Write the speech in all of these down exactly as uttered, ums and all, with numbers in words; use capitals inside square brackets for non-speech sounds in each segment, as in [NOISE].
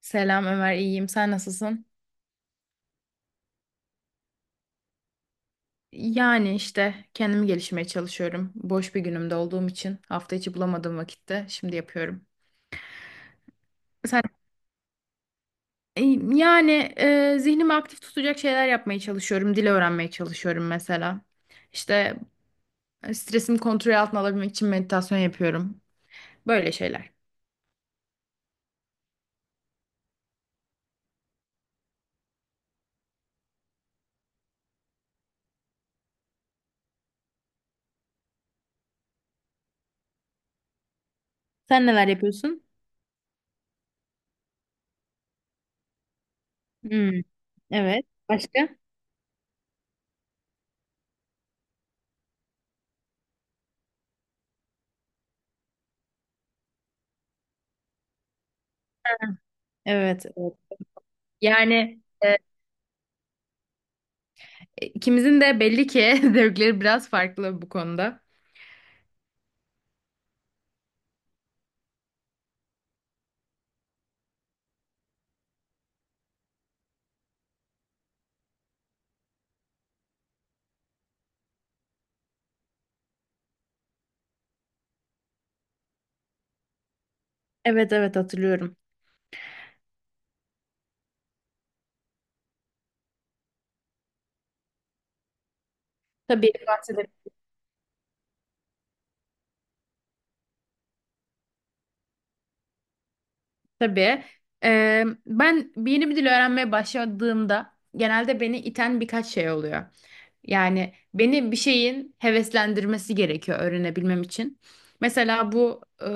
Selam Ömer, iyiyim. Sen nasılsın? Yani işte kendimi gelişmeye çalışıyorum. Boş bir günümde olduğum için hafta içi bulamadığım vakitte şimdi yapıyorum. Sen. E, Yani e, zihnimi aktif tutacak şeyler yapmaya çalışıyorum. Dil öğrenmeye çalışıyorum mesela. İşte e, stresimi kontrol altına alabilmek için meditasyon yapıyorum. Böyle şeyler. Sen neler yapıyorsun? Hmm, evet. Başka? Evet, evet. Yani e, ikimizin de belli ki [LAUGHS] zevkleri biraz farklı bu konuda. Evet, evet, hatırlıyorum. Tabii. Üniversitede. Tabii. Ee, ben bir yeni bir dil öğrenmeye başladığımda genelde beni iten birkaç şey oluyor. Yani beni bir şeyin heveslendirmesi gerekiyor öğrenebilmem için. Mesela bu e,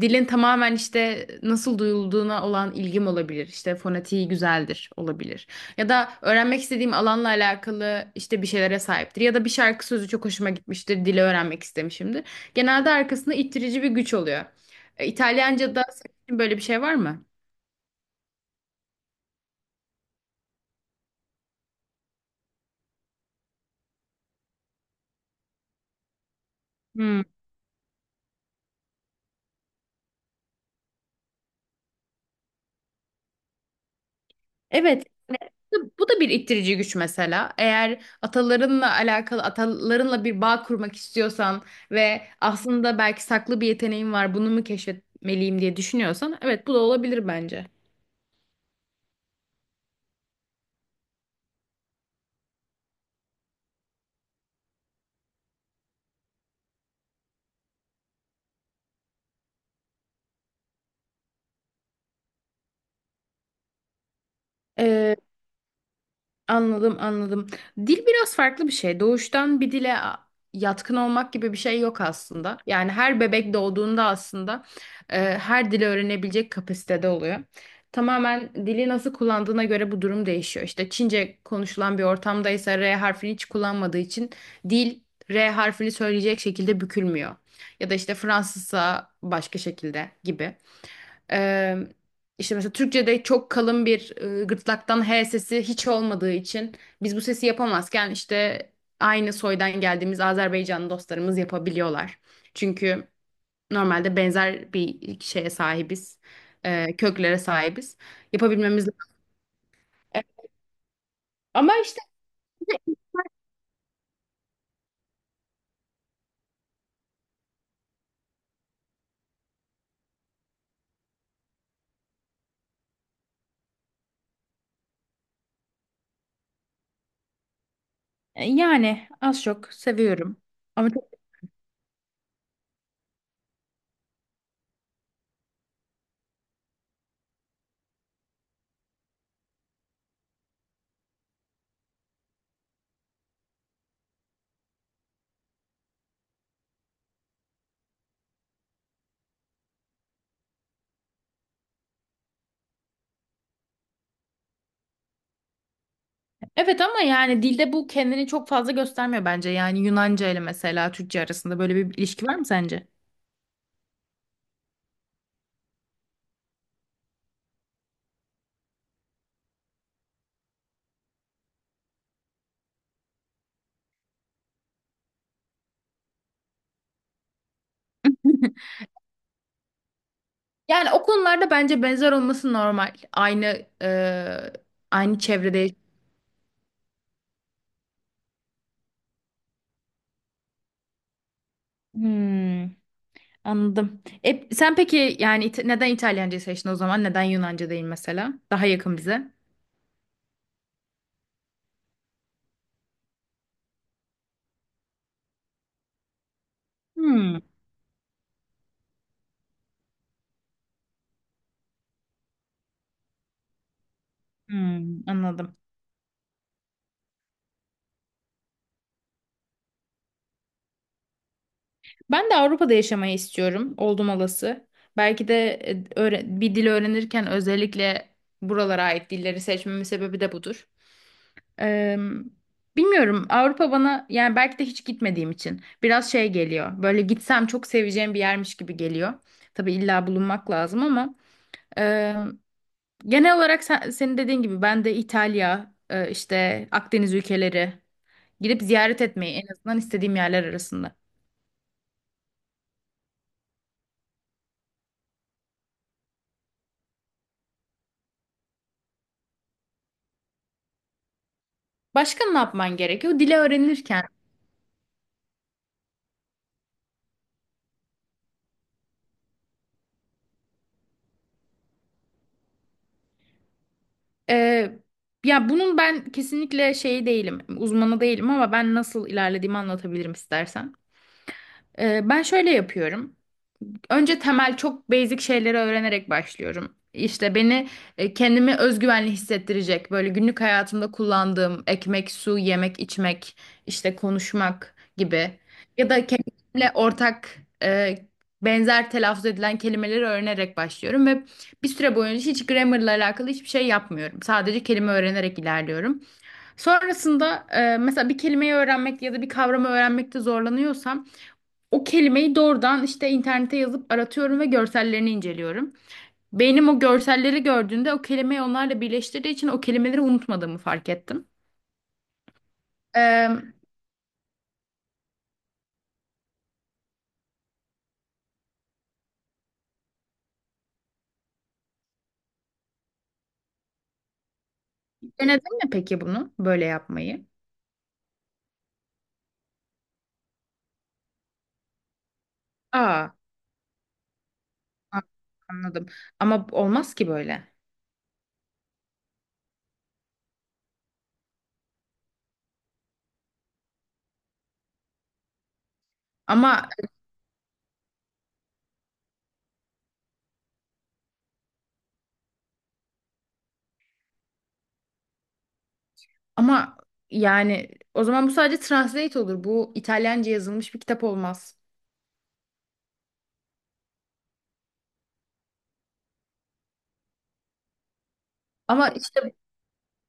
dilin tamamen işte nasıl duyulduğuna olan ilgim olabilir. İşte fonetiği güzeldir, olabilir. Ya da öğrenmek istediğim alanla alakalı işte bir şeylere sahiptir. Ya da bir şarkı sözü çok hoşuma gitmiştir, dili öğrenmek istemişimdir. Genelde arkasında ittirici bir güç oluyor. E, İtalyanca'da böyle bir şey var mı? Hmm. Evet. Yani Bu bu da bir ittirici güç mesela. Eğer atalarınla alakalı, atalarınla bir bağ kurmak istiyorsan ve aslında belki saklı bir yeteneğin var, bunu mu keşfetmeliyim diye düşünüyorsan, evet, bu da olabilir bence. Anladım, anladım. Dil biraz farklı bir şey. Doğuştan bir dile a- yatkın olmak gibi bir şey yok aslında. Yani her bebek doğduğunda aslında e, her dili öğrenebilecek kapasitede oluyor. Tamamen dili nasıl kullandığına göre bu durum değişiyor. İşte Çince konuşulan bir ortamdaysa R harfini hiç kullanmadığı için dil R harfini söyleyecek şekilde bükülmüyor. Ya da işte Fransızsa başka şekilde gibi. Ee, işte mesela Türkçe'de çok kalın bir e, gırtlaktan H sesi hiç olmadığı için biz bu sesi yapamazken, işte aynı soydan geldiğimiz Azerbaycanlı dostlarımız yapabiliyorlar. Çünkü normalde benzer bir şeye sahibiz, e, köklere sahibiz. Yapabilmemiz. E, Ama işte e, yani az çok seviyorum. Ama çok. Evet, ama yani dilde bu kendini çok fazla göstermiyor bence. Yani Yunanca ile mesela Türkçe arasında böyle bir ilişki var mı sence? [LAUGHS] Yani o konularda bence benzer olması normal. Aynı e, aynı çevrede. Hmm, anladım. E, sen peki, yani İta- neden İtalyancayı seçtin o zaman? Neden Yunanca değil mesela? Daha yakın bize. Hmm, hmm, anladım. Ben de Avrupa'da yaşamayı istiyorum, oldum olası. Belki de e, öğre- bir dil öğrenirken özellikle buralara ait dilleri seçmemin sebebi de budur. Eee, bilmiyorum, Avrupa bana yani belki de hiç gitmediğim için biraz şey geliyor. Böyle gitsem çok seveceğim bir yermiş gibi geliyor. Tabii illa bulunmak lazım, ama eee, genel olarak sen, senin dediğin gibi ben de İtalya, eee, işte Akdeniz ülkeleri gidip ziyaret etmeyi en azından istediğim yerler arasında. Başka ne yapman gerekiyor? Dili öğrenirken eee, ya bunun ben kesinlikle şeyi değilim, uzmanı değilim, ama ben nasıl ilerlediğimi anlatabilirim istersen. Eee, ben şöyle yapıyorum. Önce temel çok basic şeyleri öğrenerek başlıyorum. İşte beni e, kendimi özgüvenli hissettirecek, böyle günlük hayatımda kullandığım ekmek, su, yemek, içmek, işte konuşmak gibi, ya da kendimle ortak e, benzer telaffuz edilen kelimeleri öğrenerek başlıyorum ve bir süre boyunca hiç grammarla alakalı hiçbir şey yapmıyorum. Sadece kelime öğrenerek ilerliyorum. Sonrasında e, mesela bir kelimeyi öğrenmek ya da bir kavramı öğrenmekte zorlanıyorsam, o kelimeyi doğrudan işte internete yazıp aratıyorum ve görsellerini inceliyorum. Beynim o görselleri gördüğünde o kelimeyi onlarla birleştirdiği için o kelimeleri unutmadığımı fark ettim. Ee, denedin mi peki bunu böyle yapmayı? Aa, a- anladım. Ama olmaz ki böyle. Ama ama yani o zaman bu sadece translate olur. Bu İtalyanca yazılmış bir kitap olmaz. Ama işte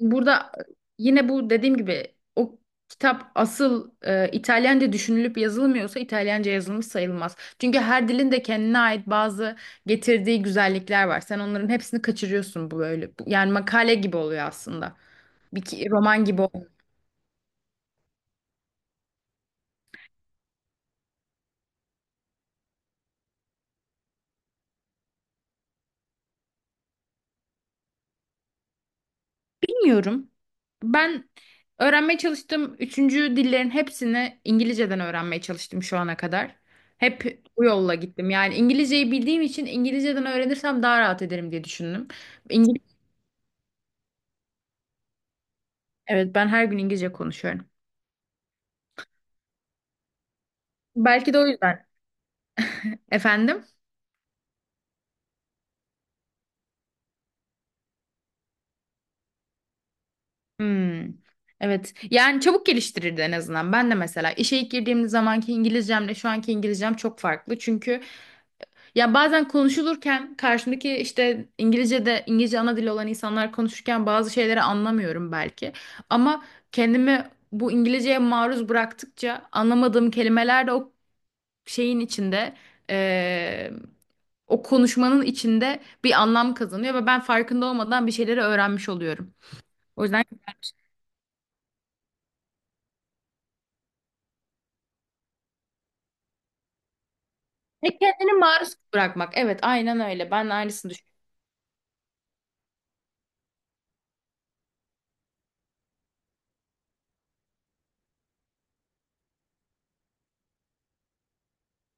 burada yine bu dediğim gibi, o kitap asıl e, İtalyanca düşünülüp yazılmıyorsa İtalyanca yazılmış sayılmaz. Çünkü her dilin de kendine ait bazı getirdiği güzellikler var. Sen onların hepsini kaçırıyorsun bu böyle. Bu- Yani makale gibi oluyor aslında. Bir ki- roman gibi olmuyor. Bilmiyorum. Ben öğrenmeye çalıştım, üçüncü dillerin hepsini İngilizceden öğrenmeye çalıştım şu ana kadar. Hep bu yolla gittim. Yani İngilizceyi bildiğim için İngilizceden öğrenirsem daha rahat ederim diye düşündüm. Evet, ben her gün İngilizce konuşuyorum. Belki de o yüzden. Efendim? Hmm. Evet. Yani çabuk geliştirirdi en azından. Ben de mesela işe ilk girdiğim zamanki İngilizcemle şu anki İngilizcem çok farklı. Çünkü ya bazen konuşulurken karşımdaki işte İngilizce'de, İngilizce ana dili olan insanlar konuşurken bazı şeyleri anlamıyorum belki. Ama kendimi bu İngilizceye maruz bıraktıkça anlamadığım kelimeler de o şeyin içinde, o konuşmanın içinde bir anlam kazanıyor ve ben farkında olmadan bir şeyleri öğrenmiş oluyorum. O yüzden. E, kendini maruz bırakmak. Evet, aynen öyle. Ben de aynısını düşünüyorum.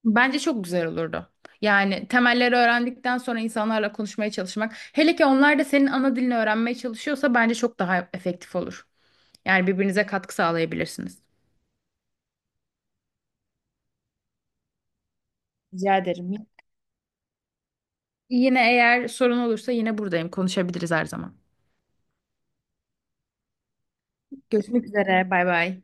Bence çok güzel olurdu. Yani temelleri öğrendikten sonra insanlarla konuşmaya çalışmak. Hele ki onlar da senin ana dilini öğrenmeye çalışıyorsa bence çok daha efektif olur. Yani birbirinize katkı sağlayabilirsiniz. Rica ederim. Yine eğer sorun olursa yine buradayım. Konuşabiliriz her zaman. Görüşmek üzere. Bay bay.